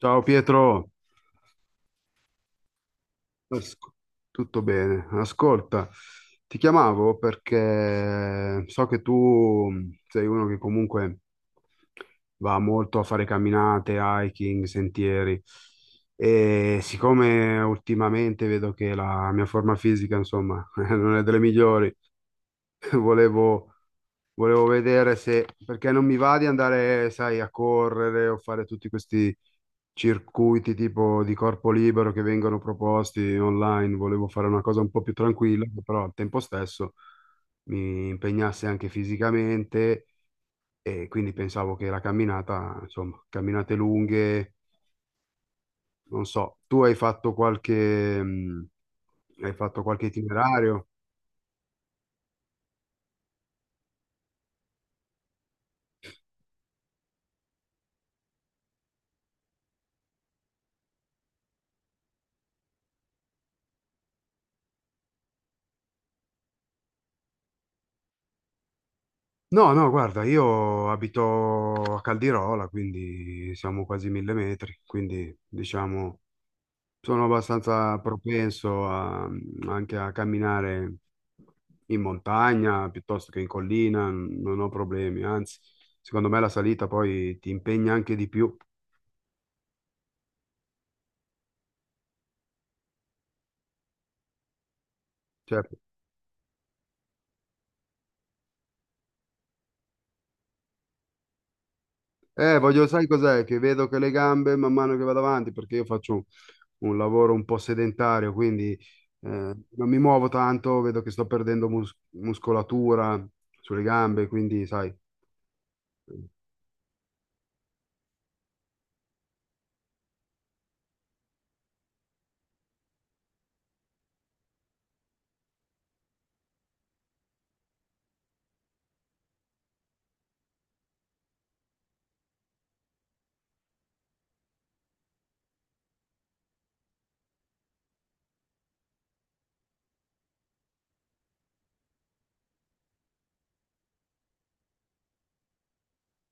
Ciao Pietro, Asco- tutto bene? Ascolta, ti chiamavo perché so che tu sei uno che comunque va molto a fare camminate, hiking, sentieri, e siccome ultimamente vedo che la mia forma fisica, insomma, non è delle migliori. volevo, volevo vedere se, perché non mi va di andare, sai, a correre o fare tutti questi circuiti tipo di corpo libero che vengono proposti online. Volevo fare una cosa un po' più tranquilla, che però al tempo stesso mi impegnasse anche fisicamente, e quindi pensavo che la camminata, insomma, camminate lunghe, non so, tu hai fatto qualche itinerario? No, no, guarda, io abito a Caldirola, quindi siamo quasi 1000 metri, quindi diciamo sono abbastanza propenso anche a camminare in montagna piuttosto che in collina, non ho problemi, anzi, secondo me la salita poi ti impegna anche di più. Cioè, voglio, sai cos'è? Che vedo che le gambe man mano che vado avanti, perché io faccio un lavoro un po' sedentario, quindi non mi muovo tanto, vedo che sto perdendo muscolatura sulle gambe, quindi sai. eh,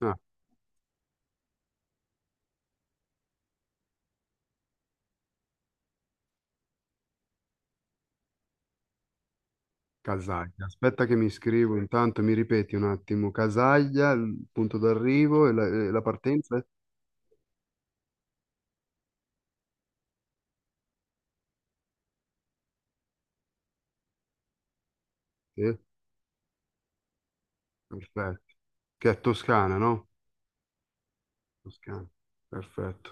ah, Casaglia. Aspetta che mi iscrivo, intanto mi ripeti un attimo, Casaglia, il punto d'arrivo e la partenza? Sì, perfetto. Che è Toscana, no? Toscana, perfetto.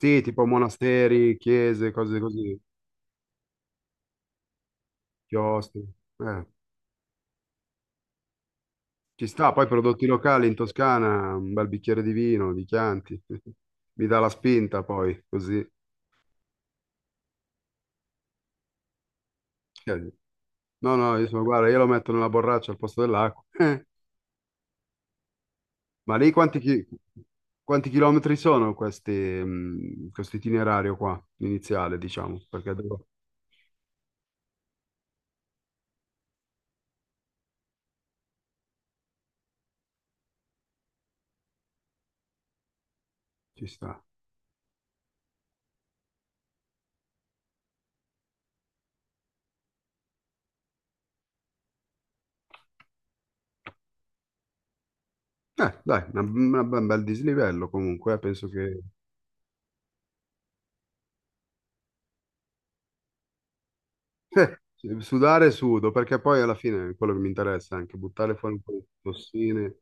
Sì, tipo monasteri, chiese, cose così, chiostri. Eh. Ci sta, poi prodotti locali in Toscana, un bel bicchiere di vino, di Chianti. Mi dà la spinta poi, così. Cioè, no, no, guarda, io lo metto nella borraccia al posto dell'acqua. Ma lì quanti chilometri sono questi, questo itinerario qua, iniziale, diciamo. Ci sta. Dai, un bel dislivello comunque, penso che... eh, Sudare sudo, perché poi alla fine è quello che mi interessa, anche buttare fuori un po' di tossine.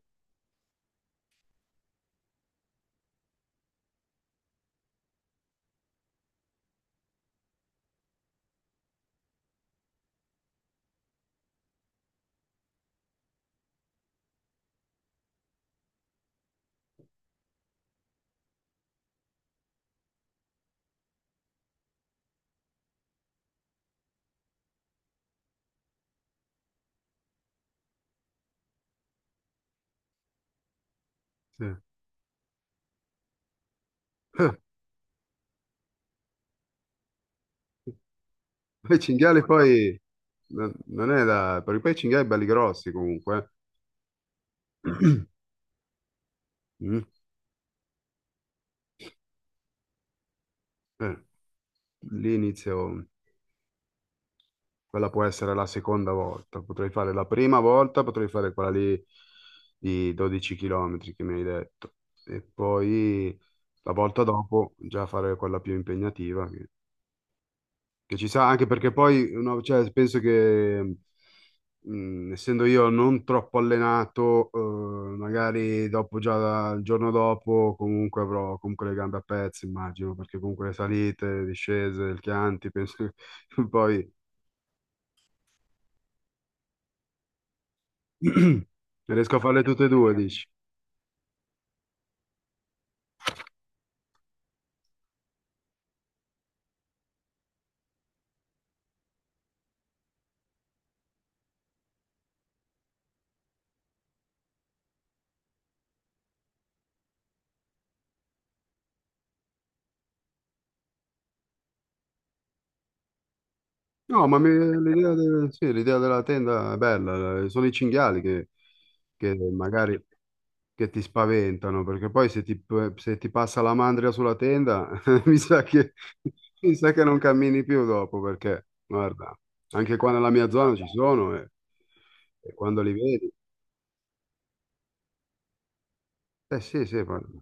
Sì. Poi i cinghiali poi non è da... perché poi i cinghiali belli grossi comunque. eh. Mm. Eh, lì inizio, quella può essere la seconda volta, potrei fare la prima volta, potrei fare quella lì di 12 km che mi hai detto, e poi la volta dopo già fare quella più impegnativa che ci sa anche perché poi no, cioè, penso che essendo io non troppo allenato, magari dopo già il giorno dopo comunque avrò comunque le gambe a pezzi, immagino, perché comunque le salite, le discese, il Chianti, penso che poi riesco a farle tutte e due, dici? No, ma sì, l'idea della tenda è bella, sono i cinghiali che magari che ti spaventano, perché poi se ti passa la mandria sulla tenda, mi sa che, mi sa che non cammini più dopo, perché guarda, anche qua nella mia zona ci sono, e quando li vedi, eh sì, sì, guarda.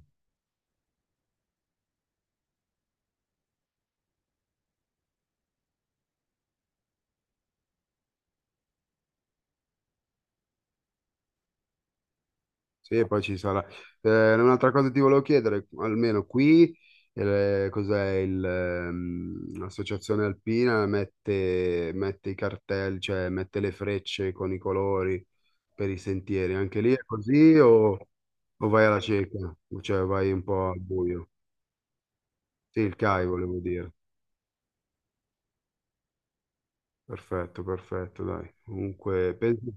Sì, e poi ci sarà. Un'altra cosa ti volevo chiedere, almeno qui, cos'è l'associazione alpina mette i cartelli, cioè mette le frecce con i colori per i sentieri. Anche lì è così o vai alla cieca? Cioè vai un po' al buio? Sì, il CAI volevo dire. Perfetto, perfetto, dai. Comunque, penso...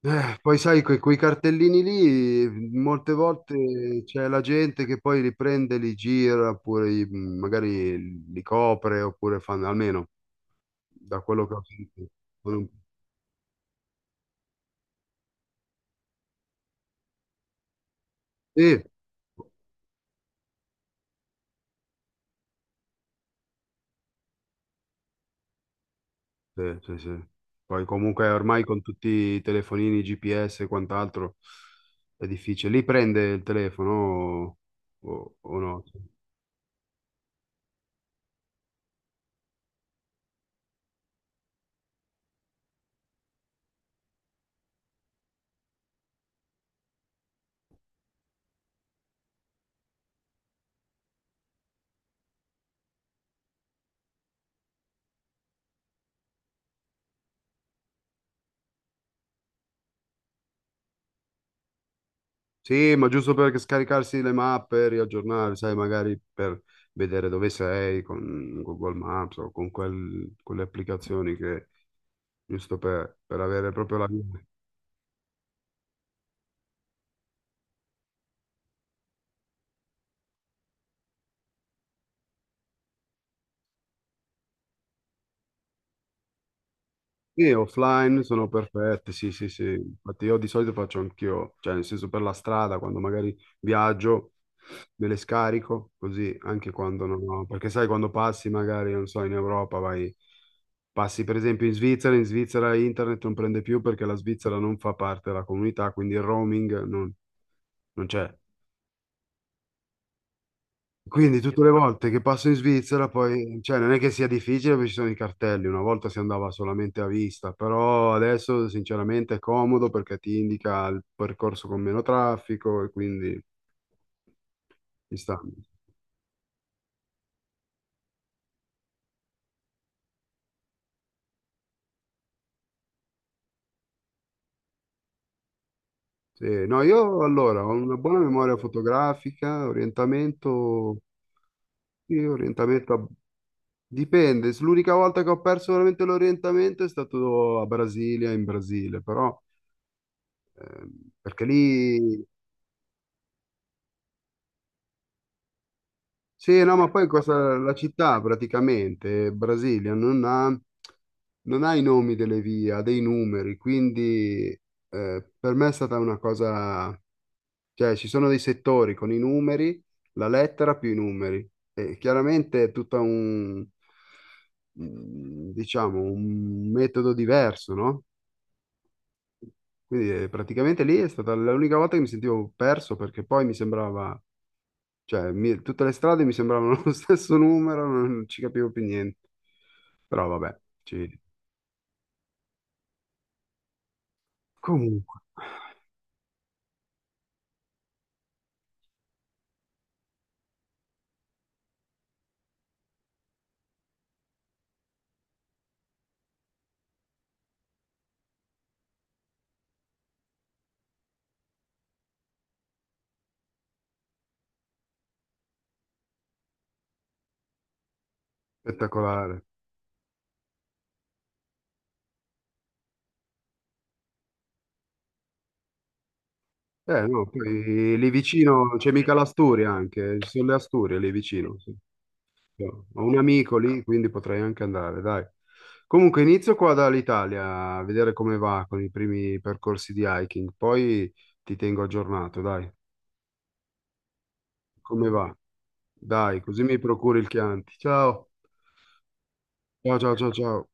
Poi sai, quei cartellini lì, molte volte c'è la gente che poi li prende, li gira, oppure magari li copre, oppure fanno, almeno da quello che ho sentito. fanno un- Sì, sì, sì, sì. Poi comunque ormai con tutti i telefonini, GPS e quant'altro è difficile. Lì prende il telefono o no? Sì, ma giusto per scaricarsi le mappe, riaggiornare, sai, magari per vedere dove sei con Google Maps o con quelle applicazioni che, giusto per avere proprio la via. Sì, offline sono perfette, sì, sì, sì. Infatti io di solito faccio anch'io, cioè nel senso per la strada, quando magari viaggio, me le scarico, così anche quando non ho... Perché sai, quando passi magari, non so, in Europa vai... Passi per esempio in Svizzera internet non prende più perché la Svizzera non fa parte della comunità, quindi il roaming non c'è. Quindi tutte le volte che passo in Svizzera, poi, cioè, non è che sia difficile perché ci sono i cartelli, una volta si andava solamente a vista, però adesso sinceramente è comodo perché ti indica il percorso con meno traffico, e quindi ci sta. Sì, no, io allora ho una buona memoria fotografica, orientamento, sì, dipende, l'unica volta che ho perso veramente l'orientamento è stato a Brasilia, in Brasile, però... perché lì Sì, no, ma poi questa, la città praticamente, Brasilia, non ha i nomi delle vie, ha dei numeri, quindi per me è stata una cosa, cioè ci sono dei settori con i numeri, la lettera più i numeri, e chiaramente è tutta diciamo, un metodo diverso, no? Quindi praticamente lì è stata l'unica volta che mi sentivo perso perché poi mi sembrava, cioè, tutte le strade mi sembravano lo stesso numero, non ci capivo più niente. Però vabbè, comunque, spettacolare. Eh no, poi lì vicino c'è mica l'Asturia anche, ci sono le Asturie lì vicino. Sì. Ho un amico lì, quindi potrei anche andare, dai. Comunque inizio qua dall'Italia a vedere come va con i primi percorsi di hiking, poi ti tengo aggiornato, dai. Come va? Dai, così mi procuri il Chianti. Ciao. Ciao, ciao, ciao, ciao.